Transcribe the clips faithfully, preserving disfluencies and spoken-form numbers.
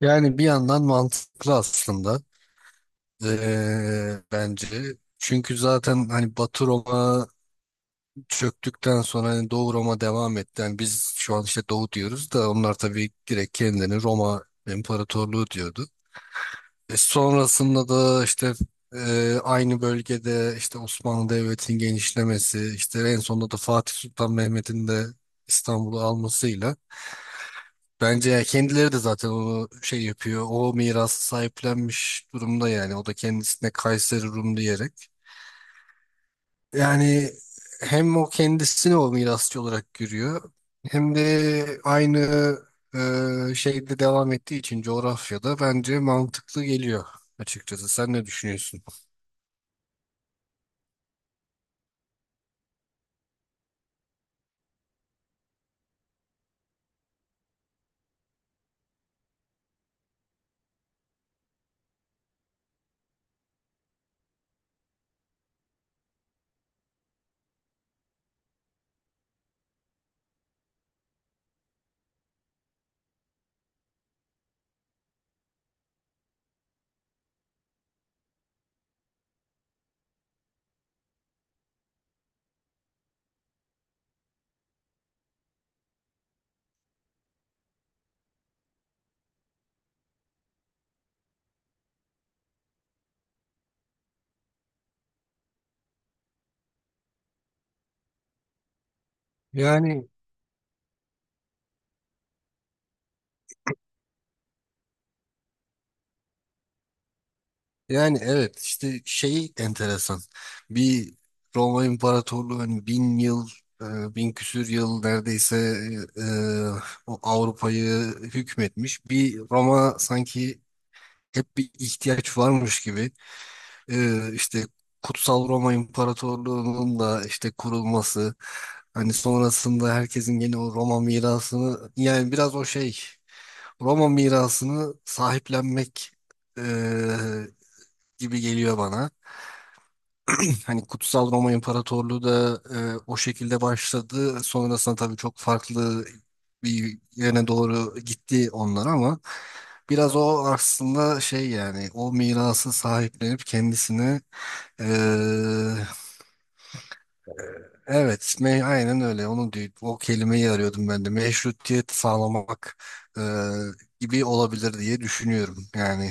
Yani bir yandan mantıklı aslında. Ee, bence. Çünkü zaten hani Batı Roma çöktükten sonra hani Doğu Roma devam etti. Yani biz şu an işte Doğu diyoruz da onlar tabii direkt kendilerini Roma İmparatorluğu diyordu. E sonrasında da işte e, aynı bölgede, işte Osmanlı Devleti'nin genişlemesi, işte en sonunda da Fatih Sultan Mehmet'in de İstanbul'u almasıyla. Bence ya kendileri de zaten onu şey yapıyor. O mirası sahiplenmiş durumda yani. O da kendisine Kayseri Rum diyerek. Yani hem o kendisini o mirasçı olarak görüyor. Hem de aynı e, şeyde devam ettiği için, coğrafyada bence mantıklı geliyor açıkçası. Sen ne düşünüyorsun? Yani Yani evet, işte şey enteresan. Bir Roma İmparatorluğu hani bin yıl, e, bin küsür yıl neredeyse, e, o Avrupa'yı hükmetmiş. Bir Roma sanki hep bir ihtiyaç varmış gibi, e, işte Kutsal Roma İmparatorluğu'nun da işte kurulması, hani sonrasında herkesin gene o Roma mirasını, yani biraz o şey, Roma mirasını sahiplenmek e, gibi geliyor bana. Hani Kutsal Roma İmparatorluğu da e, o şekilde başladı. Sonrasında tabii çok farklı bir yöne doğru gitti onlar, ama biraz o aslında şey yani, o mirası sahiplenip kendisine. e, Evet, me aynen öyle. Onu diyor, o kelimeyi arıyordum ben de. Meşrutiyet sağlamak e, gibi olabilir diye düşünüyorum. Yani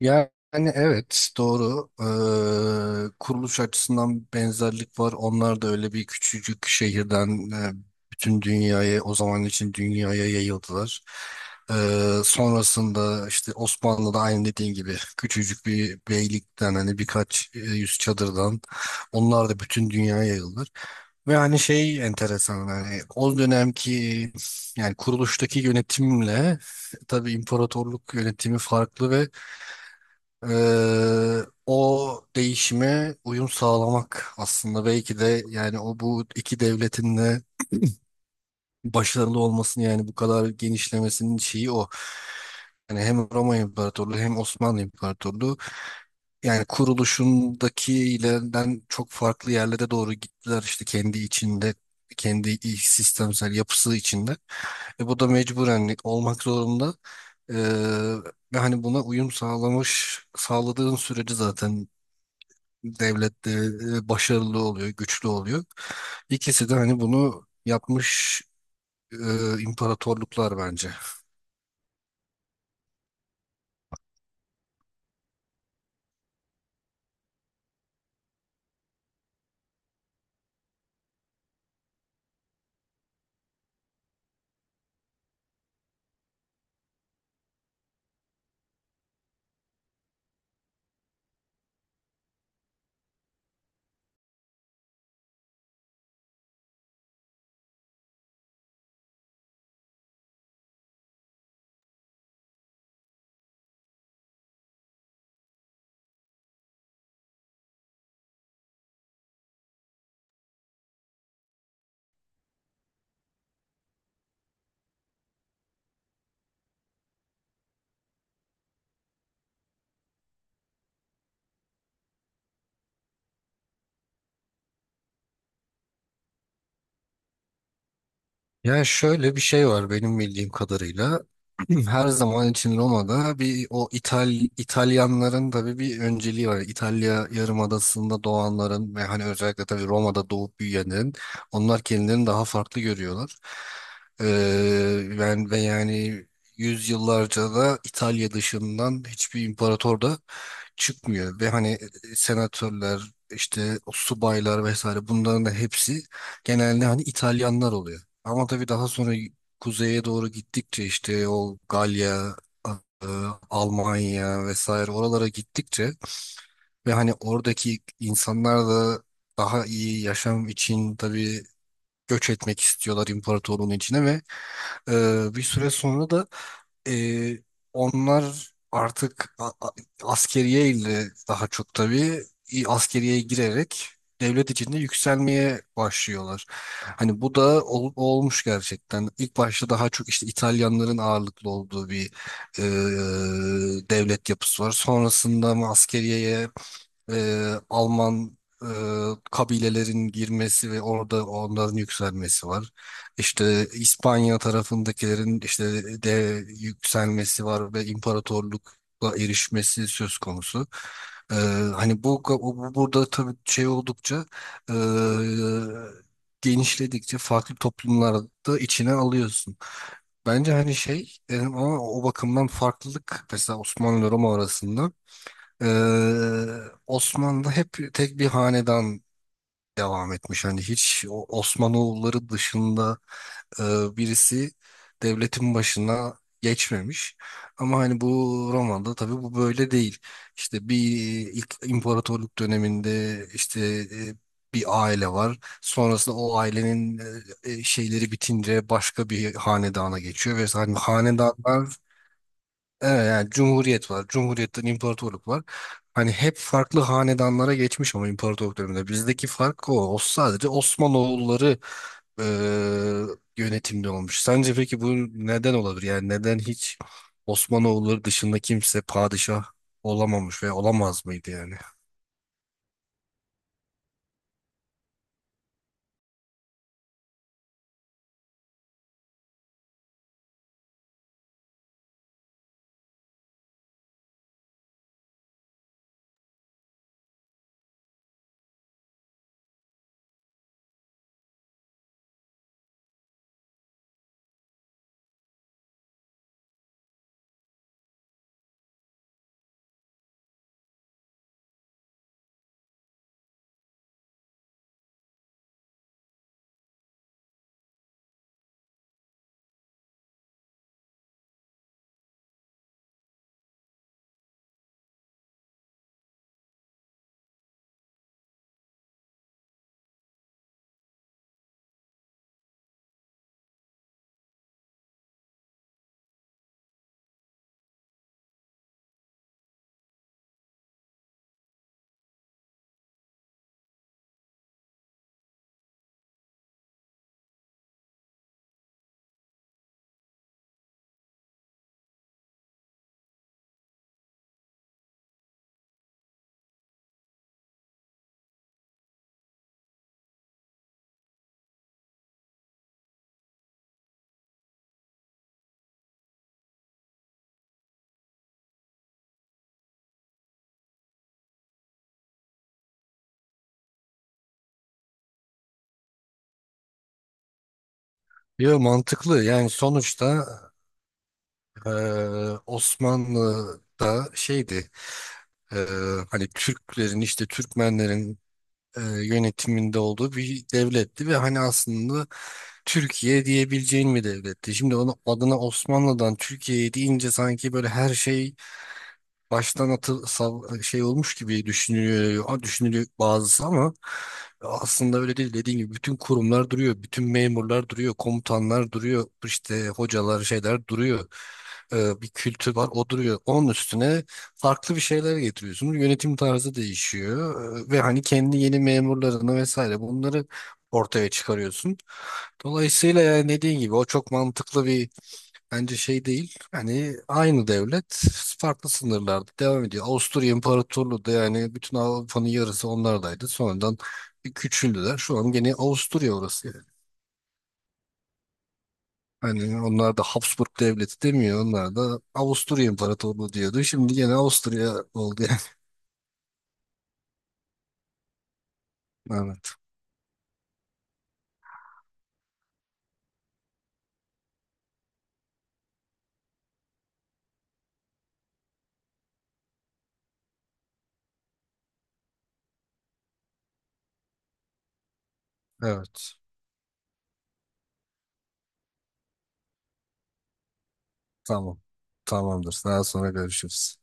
Yani evet, doğru. Ee, kuruluş açısından benzerlik var. Onlar da öyle bir küçücük şehirden, e, bütün dünyaya, o zaman için dünyaya, yayıldılar. Ee, sonrasında işte Osmanlı'da, aynı dediğin gibi, küçücük bir beylikten hani birkaç e, yüz çadırdan onlar da bütün dünyaya yayıldılar. Ve hani şey enteresan, hani o dönemki, yani kuruluştaki yönetimle tabii imparatorluk yönetimi farklı ve ee, o değişime uyum sağlamak aslında belki de, yani o bu iki devletin de başarılı olmasını, yani bu kadar genişlemesinin şeyi o. Yani hem Roma İmparatorluğu hem Osmanlı İmparatorluğu, yani kuruluşundakilerinden çok farklı yerlere doğru gittiler, işte kendi içinde, kendi iç sistemsel yapısı içinde. E bu da mecburen olmak zorunda. Ee, ve hani buna uyum sağlamış sağladığın sürece zaten devlette e, başarılı oluyor, güçlü oluyor. İkisi de hani bunu yapmış e, imparatorluklar, bence. Yani şöyle bir şey var benim bildiğim kadarıyla. Her zaman için Roma'da bir, o İtal İtalyanların tabii bir önceliği var. İtalya Yarımadası'nda doğanların ve hani özellikle tabii Roma'da doğup büyüyenlerin, onlar kendilerini daha farklı görüyorlar. Ee, yani ve yani yüzyıllarca da İtalya dışından hiçbir imparator da çıkmıyor ve hani, e, e, senatörler, işte o subaylar vesaire, bunların da hepsi genelde hani İtalyanlar oluyor. Ama tabii daha sonra kuzeye doğru gittikçe işte o Galya, e, Almanya vesaire, oralara gittikçe ve hani oradaki insanlar da daha iyi yaşam için tabii göç etmek istiyorlar imparatorluğun içine ve e, bir süre sonra da ee, onlar artık a- a- askeriye ile, daha çok tabii i- askeriyeye girerek devlet içinde yükselmeye başlıyorlar. Hani bu da ol- olmuş gerçekten. İlk başta daha çok işte İtalyanların ağırlıklı olduğu bir e, devlet yapısı var. Sonrasında mı askeriyeye e, Alman e, kabilelerin girmesi ve orada onların yükselmesi var. İşte İspanya tarafındakilerin işte de yükselmesi var ve imparatorlukla erişmesi söz konusu. E, hani bu, bu burada tabii şey, oldukça e, genişledikçe farklı toplumlarda da içine alıyorsun. Bence hani şey, e, ama o bakımdan farklılık mesela Osmanlı ile Roma arasında, ee, Osmanlı hep tek bir hanedan devam etmiş. Hani hiç o- Osmanoğulları dışında e, birisi devletin başına geçmemiş. Ama hani bu, romanda tabii, bu böyle değil. İşte bir ilk imparatorluk döneminde işte e, bir aile var. Sonrasında o ailenin e, e, şeyleri bitince başka bir hanedana geçiyor ve hani hanedanlar. Evet, yani cumhuriyet var. Cumhuriyetten imparatorluk var. Hani hep farklı hanedanlara geçmiş, ama imparatorluk döneminde. Bizdeki fark o. O sadece Osmanoğulları e, yönetimde olmuş. Sence peki bu neden olabilir? Yani neden hiç Osmanoğulları dışında kimse padişah olamamış ve olamaz mıydı yani? Yo, mantıklı. Yani sonuçta e, Osmanlı'da şeydi, e, hani Türklerin, işte Türkmenlerin e, yönetiminde olduğu bir devletti ve hani aslında Türkiye diyebileceğin bir devletti. Şimdi onu adına Osmanlı'dan Türkiye'ye deyince sanki böyle her şey baştan atı sav- şey olmuş gibi düşünülüyor, düşünülüyor bazısı, ama aslında öyle değil. Dediğim gibi bütün kurumlar duruyor, bütün memurlar duruyor, komutanlar duruyor, işte hocalar, şeyler duruyor. Ee, bir kültür var, o duruyor. Onun üstüne farklı bir şeyler getiriyorsunuz. Yönetim tarzı değişiyor. Ee, ve hani kendi yeni memurlarını vesaire, bunları ortaya çıkarıyorsun. Dolayısıyla yani dediğin gibi o çok mantıklı bir, bence, şey değil. Hani aynı devlet farklı sınırlarda devam ediyor. Avusturya İmparatorluğu da yani, bütün Avrupa'nın yarısı onlardaydı. Sonradan bir küçüldüler. Şu an gene Avusturya orası yani. Hani onlar da Habsburg Devleti demiyor. Onlar da Avusturya İmparatorluğu diyordu. Şimdi gene Avusturya oldu yani. Evet. Evet. Tamam. Tamamdır. Daha sonra görüşürüz.